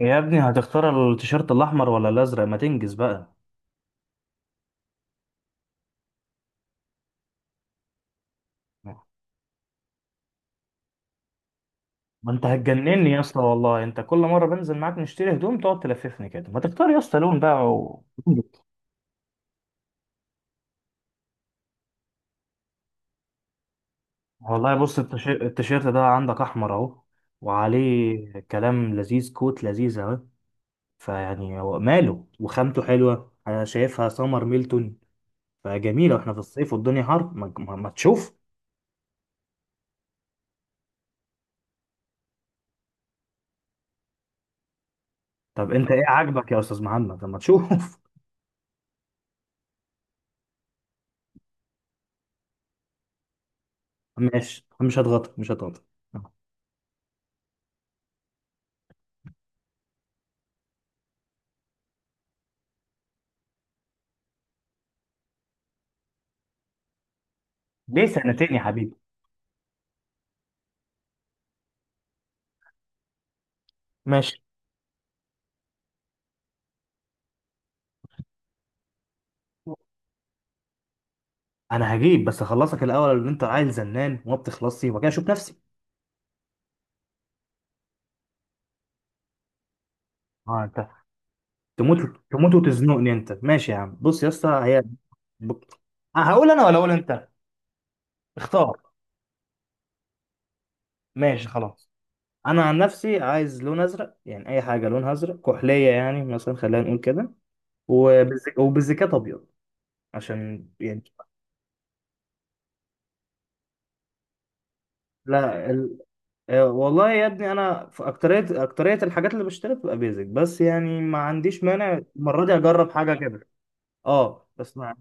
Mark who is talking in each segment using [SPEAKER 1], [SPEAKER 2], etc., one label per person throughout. [SPEAKER 1] يا ابني، هتختار التيشيرت الاحمر ولا الازرق؟ ما تنجز بقى؟ ما انت هتجنني يا اسطى، والله انت كل مره بنزل معاك نشتري هدوم تقعد تلففني كده. ما تختار يا اسطى لون بقى والله، بص التيشيرت ده عندك احمر اهو، وعليه كلام لذيذ، كوت لذيذ اهو. فيعني هو ماله وخامته حلوه، انا شايفها سمر ميلتون، فجميله واحنا في الصيف والدنيا حر، ما تشوف. طب انت ايه عاجبك يا استاذ محمد لما تشوف؟ ماشي، مش هتغطي مش هتغطي. ليه سنتين يا حبيبي؟ ماشي، انا هجيب بس اخلصك الاول، اللي انت عيل زنان وما بتخلصي، وبعد كده اشوف نفسي. اه، انت تموت. تموت وتزنقني انت، ماشي يا عم. بص يا اسطى، هي ب- هقول انا ولا اقول انت؟ اختار. ماشي خلاص. انا عن نفسي عايز لون ازرق، يعني اي حاجه لونها ازرق كحليه، يعني مثلا خلينا نقول كده، وبالزكات ابيض، عشان يعني لا والله يا ابني، انا في اكتريه الحاجات اللي بشتريها بتبقى بيزك، بس يعني ما عنديش مانع المره دي اجرب حاجه كده. اه، بسمع.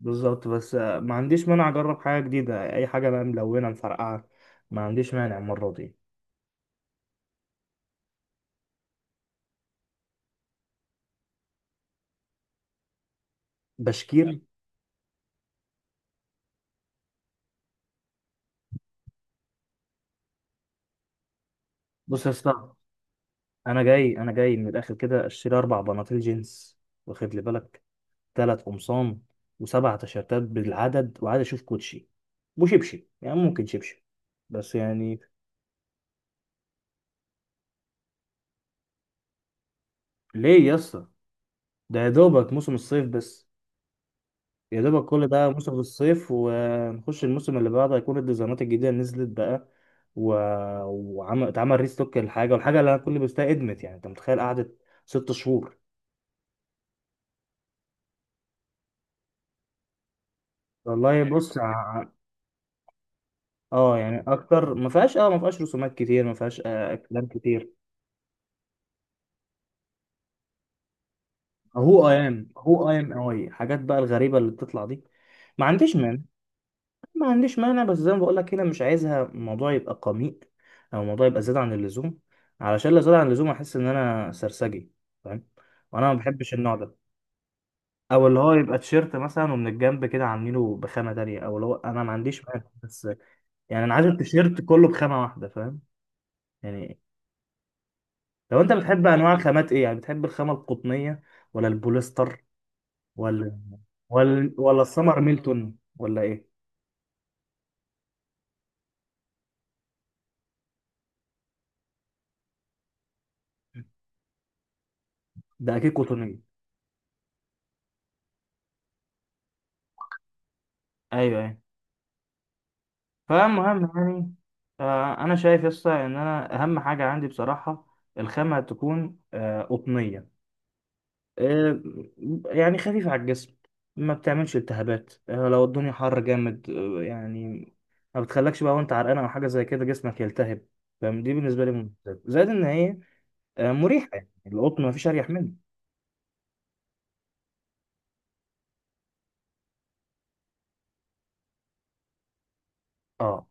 [SPEAKER 1] بالظبط، بس ما عنديش مانع اجرب حاجه جديده، اي حاجه بقى ملونه مفرقعه، ما عنديش مانع المره دي. بشكير. بص يا اسطى، انا جاي، انا جاي من الاخر كده اشتري اربع بناطيل جينز، واخد لي بالك، ثلاث قمصان وسبع تيشيرتات بالعدد، وعايز اشوف كوتشي وشبشب، يعني ممكن شبشب بس يعني. ليه يا اسطى؟ ده يا دوبك موسم الصيف بس، يا دوبك كل ده موسم الصيف، ونخش الموسم اللي بعده هيكون الديزاينات الجديدة نزلت بقى و... وعمل اتعمل ريستوك الحاجة، والحاجة اللي انا كل بستها ادمت، يعني انت متخيل قعدت 6 شهور. والله، بص اه، يعني اكتر ما فيهاش، اه ما فيهاش رسومات كتير، ما فيهاش كلام كتير. هو اي ام، هو اي ام، اي حاجات بقى الغريبة اللي بتطلع دي، ما عنديش مانع، ما عنديش مانع، بس زي ما بقول لك، هنا مش عايزها الموضوع يبقى قميء، او الموضوع يبقى زيادة عن اللزوم، علشان لو زاد عن اللزوم احس ان انا سرسجي، فاهم؟ وانا ما بحبش النوع ده، او اللي هو يبقى تيشيرت مثلا ومن الجنب كده عاملينه بخامة تانية، او اللي هو انا ما عنديش مانع بس، يعني انا عايز التيشيرت كله بخامة واحدة، فاهم؟ يعني لو انت بتحب انواع الخامات، ايه يعني بتحب الخامة القطنية ولا البوليستر، ولا ولا السمر ميلتون، ولا ايه؟ ده اكيد قطنية. ايوه، فالمهم يعني، انا شايف يسطا ان انا اهم حاجه عندي بصراحه الخامه تكون قطنيه، آه، يعني خفيفه على الجسم، ما بتعملش التهابات، لو الدنيا حر جامد، يعني ما بتخلكش بقى وانت عرقان او حاجه زي كده جسمك يلتهب، فاهم؟ دي بالنسبه لي ممتاز، زائد ان هي مريحه، يعني القطن ما فيش اريح منه. اه.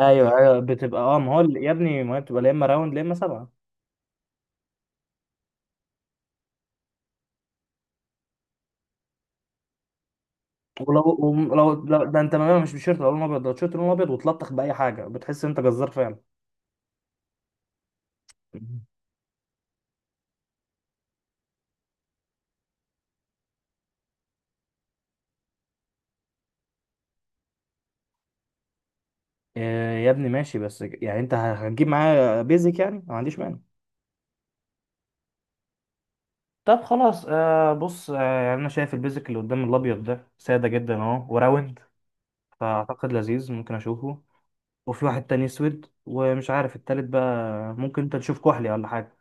[SPEAKER 1] ايوه ايوه بتبقى، ما هو يا ابني، ما هي بتبقى لا اما راوند لا اما سبعه. لو ده، انت مش بشيرت القلم الابيض ده، تيشيرت القلم الابيض وتلطخ باي حاجه بتحس ان انت جزار فعلا. مم. يا ابني ماشي، بس يعني انت هتجيب معايا بيزك، يعني ما عنديش مانع. طب خلاص، بص، يعني انا شايف البيزك اللي قدام الابيض ده ساده جدا اهو وراوند، فاعتقد لذيذ، ممكن اشوفه، وفي واحد تاني اسود، ومش عارف التالت بقى، ممكن انت تشوف كحلي ولا حاجه.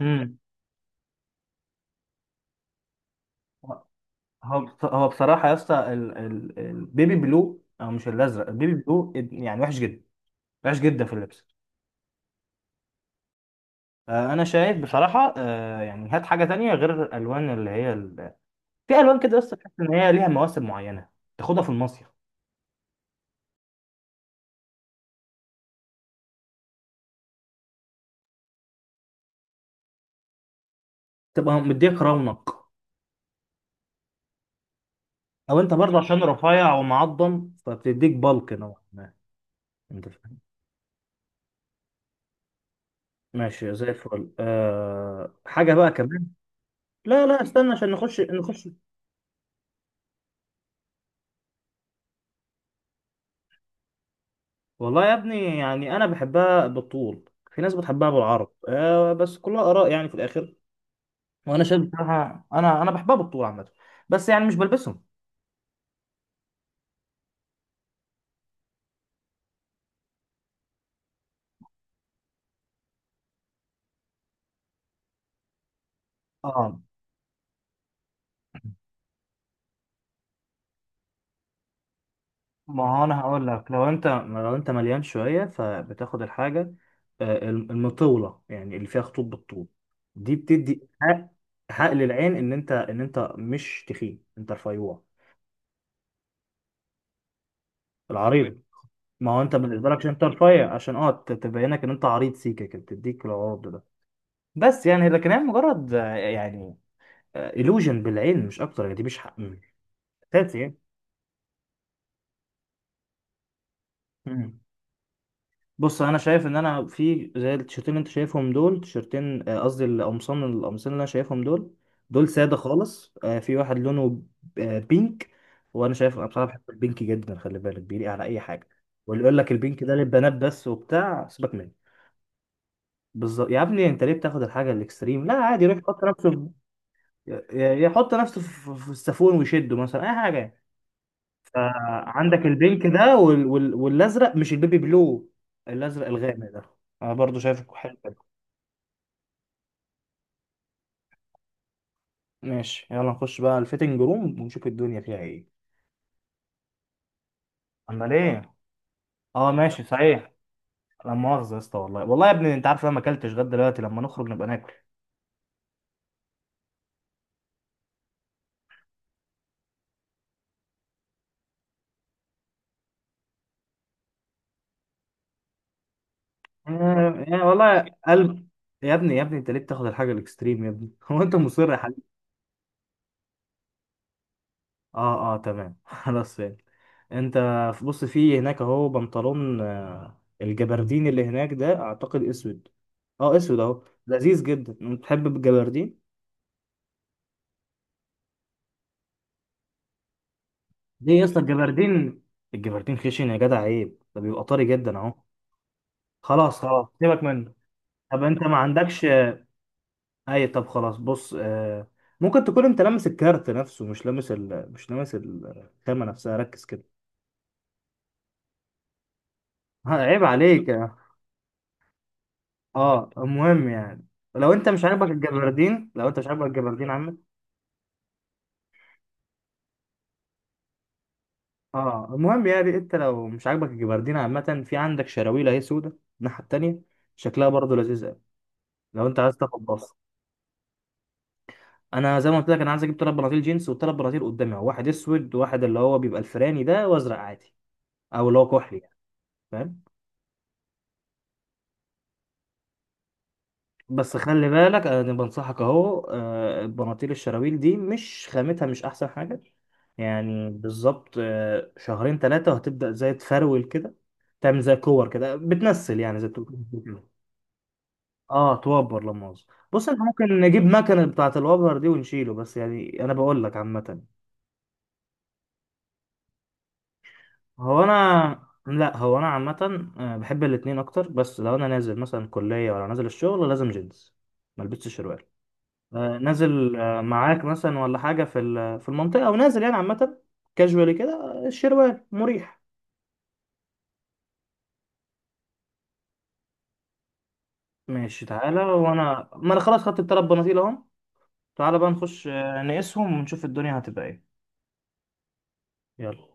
[SPEAKER 1] امم. هو بصراحه يا اسطى البيبي بلو، او مش الازرق، البيبي بلو يعني وحش جدا، وحش جدا في اللبس. انا شايف بصراحه، يعني هات حاجه تانية غير الالوان اللي هي في الوان كده بس تحس ان هي ليها مواسم معينه، تاخدها في المصيف، تبقى مديك رونق، او انت برضه عشان رفيع ومعضم فبتديك بلك نوعا ما، انت فاهم؟ ماشي زي الفل. حاجه بقى كمان. لا لا، استنى عشان نخش نخش. والله يا ابني، يعني انا بحبها بالطول، في ناس بتحبها بالعرض، بس كلها اراء يعني في الاخر، وانا شايف بصراحه انا بحبها بالطول عامه، بس يعني مش بلبسهم. اه ما هو انا هقول لك، لو انت مليان شويه فبتاخد الحاجه المطوله، يعني اللي فيها خطوط بالطول، دي بتدي حق، حق للعين ان انت مش تخين، انت رفيوع. العريض. ما هو انت بالنسبه لك عشان انت رفيع، عشان تبينك ان انت عريض سيكه كده بتديك العرض ده. بس يعني لكن هي مجرد يعني illusion بالعين، مش اكتر، يعني دي مش حق مش اساسي يعني. بص، انا شايف ان انا في زي التيشيرتين اللي انت شايفهم دول، تيشيرتين قصدي القمصان، القمصان اللي انا شايفهم دول، دول ساده خالص. في واحد لونه بينك، وانا شايف انا بصراحه بحب البينك جدا، خلي بالك بيليق على اي حاجه. واللي يقول لك البينك ده للبنات بس وبتاع، سيبك منه. بالظبط يا ابني، انت ليه بتاخد الحاجه الاكستريم؟ لا عادي، يروح يحط نفسه في في السافون ويشده مثلا، اي حاجه يعني. فعندك البينك ده والازرق مش البيبي بلو، الازرق الغامق ده، انا برضو شايفه حلو كده. ماشي، يلا نخش بقى الفيتنج روم ونشوف الدنيا فيها ايه. امال ايه؟ اه، ماشي صحيح. لا مؤاخذه يا اسطى، والله والله يا ابني، انت عارف انا ما اكلتش غدا، دلوقتي لما نخرج نبقى ناكل. يا والله قلب، يا ابني يا ابني انت ليه بتاخد الحاجه الاكستريم يا ابني؟ هو انت مصر يا! اه اه تمام. خلاص فهمت. انت، بص في هناك اهو بنطلون، الجبردين اللي هناك ده اعتقد اسود، اه اسود اهو لذيذ جدا، انت تحب الجبردين؟ ليه يا اسطى الجبردين؟ الجبردين خشن يا جدع، عيب، ده بيبقى طري جدا اهو. خلاص خلاص، سيبك منه. طب انت ما عندكش اي، طب خلاص بص، ممكن تكون انت لامس الكارت نفسه، مش لامس الخامة نفسها، ركز كده. ها، عيب عليك. اه، المهم يعني، لو انت مش عاجبك الجبردين، عامة. اه، المهم يعني، انت لو مش عاجبك الجبردين عامة، في عندك شراويل اهي سودة الناحية التانية، شكلها برضه لذيذ قوي، لو انت عايز تاخد بص. انا زي ما قلت لك، انا عايز اجيب تلات بناطيل جينز وتلات بناطيل قدامي اهو، واحد اسود وواحد اللي هو بيبقى الفراني ده، وازرق عادي، او اللي هو كحلي يعني، فاهم؟ بس خلي بالك، انا بنصحك اهو، البناطيل الشراويل دي مش خامتها مش احسن حاجه، يعني بالظبط شهرين ثلاثه وهتبدا زي تفرول كده، تعمل زي كور كده، بتنسل يعني زي بتقول كده. اه توبر، لما مؤاخذة. بص احنا ممكن نجيب مكنه بتاعه الوبر دي ونشيله، بس يعني انا بقول لك عامه. هو انا لا، هو انا عامه، بحب الاتنين اكتر، بس لو انا نازل مثلا كليه ولا نازل الشغل لازم جينز، ملبسش شروال، نازل معاك مثلا ولا حاجة في المنطقة، أو نازل يعني عامة، كاجوالي كده، الشروال مريح. ماشي تعالى، وأنا ما أنا خلاص خدت التلات بناطيل أهم. تعالى بقى نخش نقيسهم ونشوف الدنيا هتبقى إيه. يلا.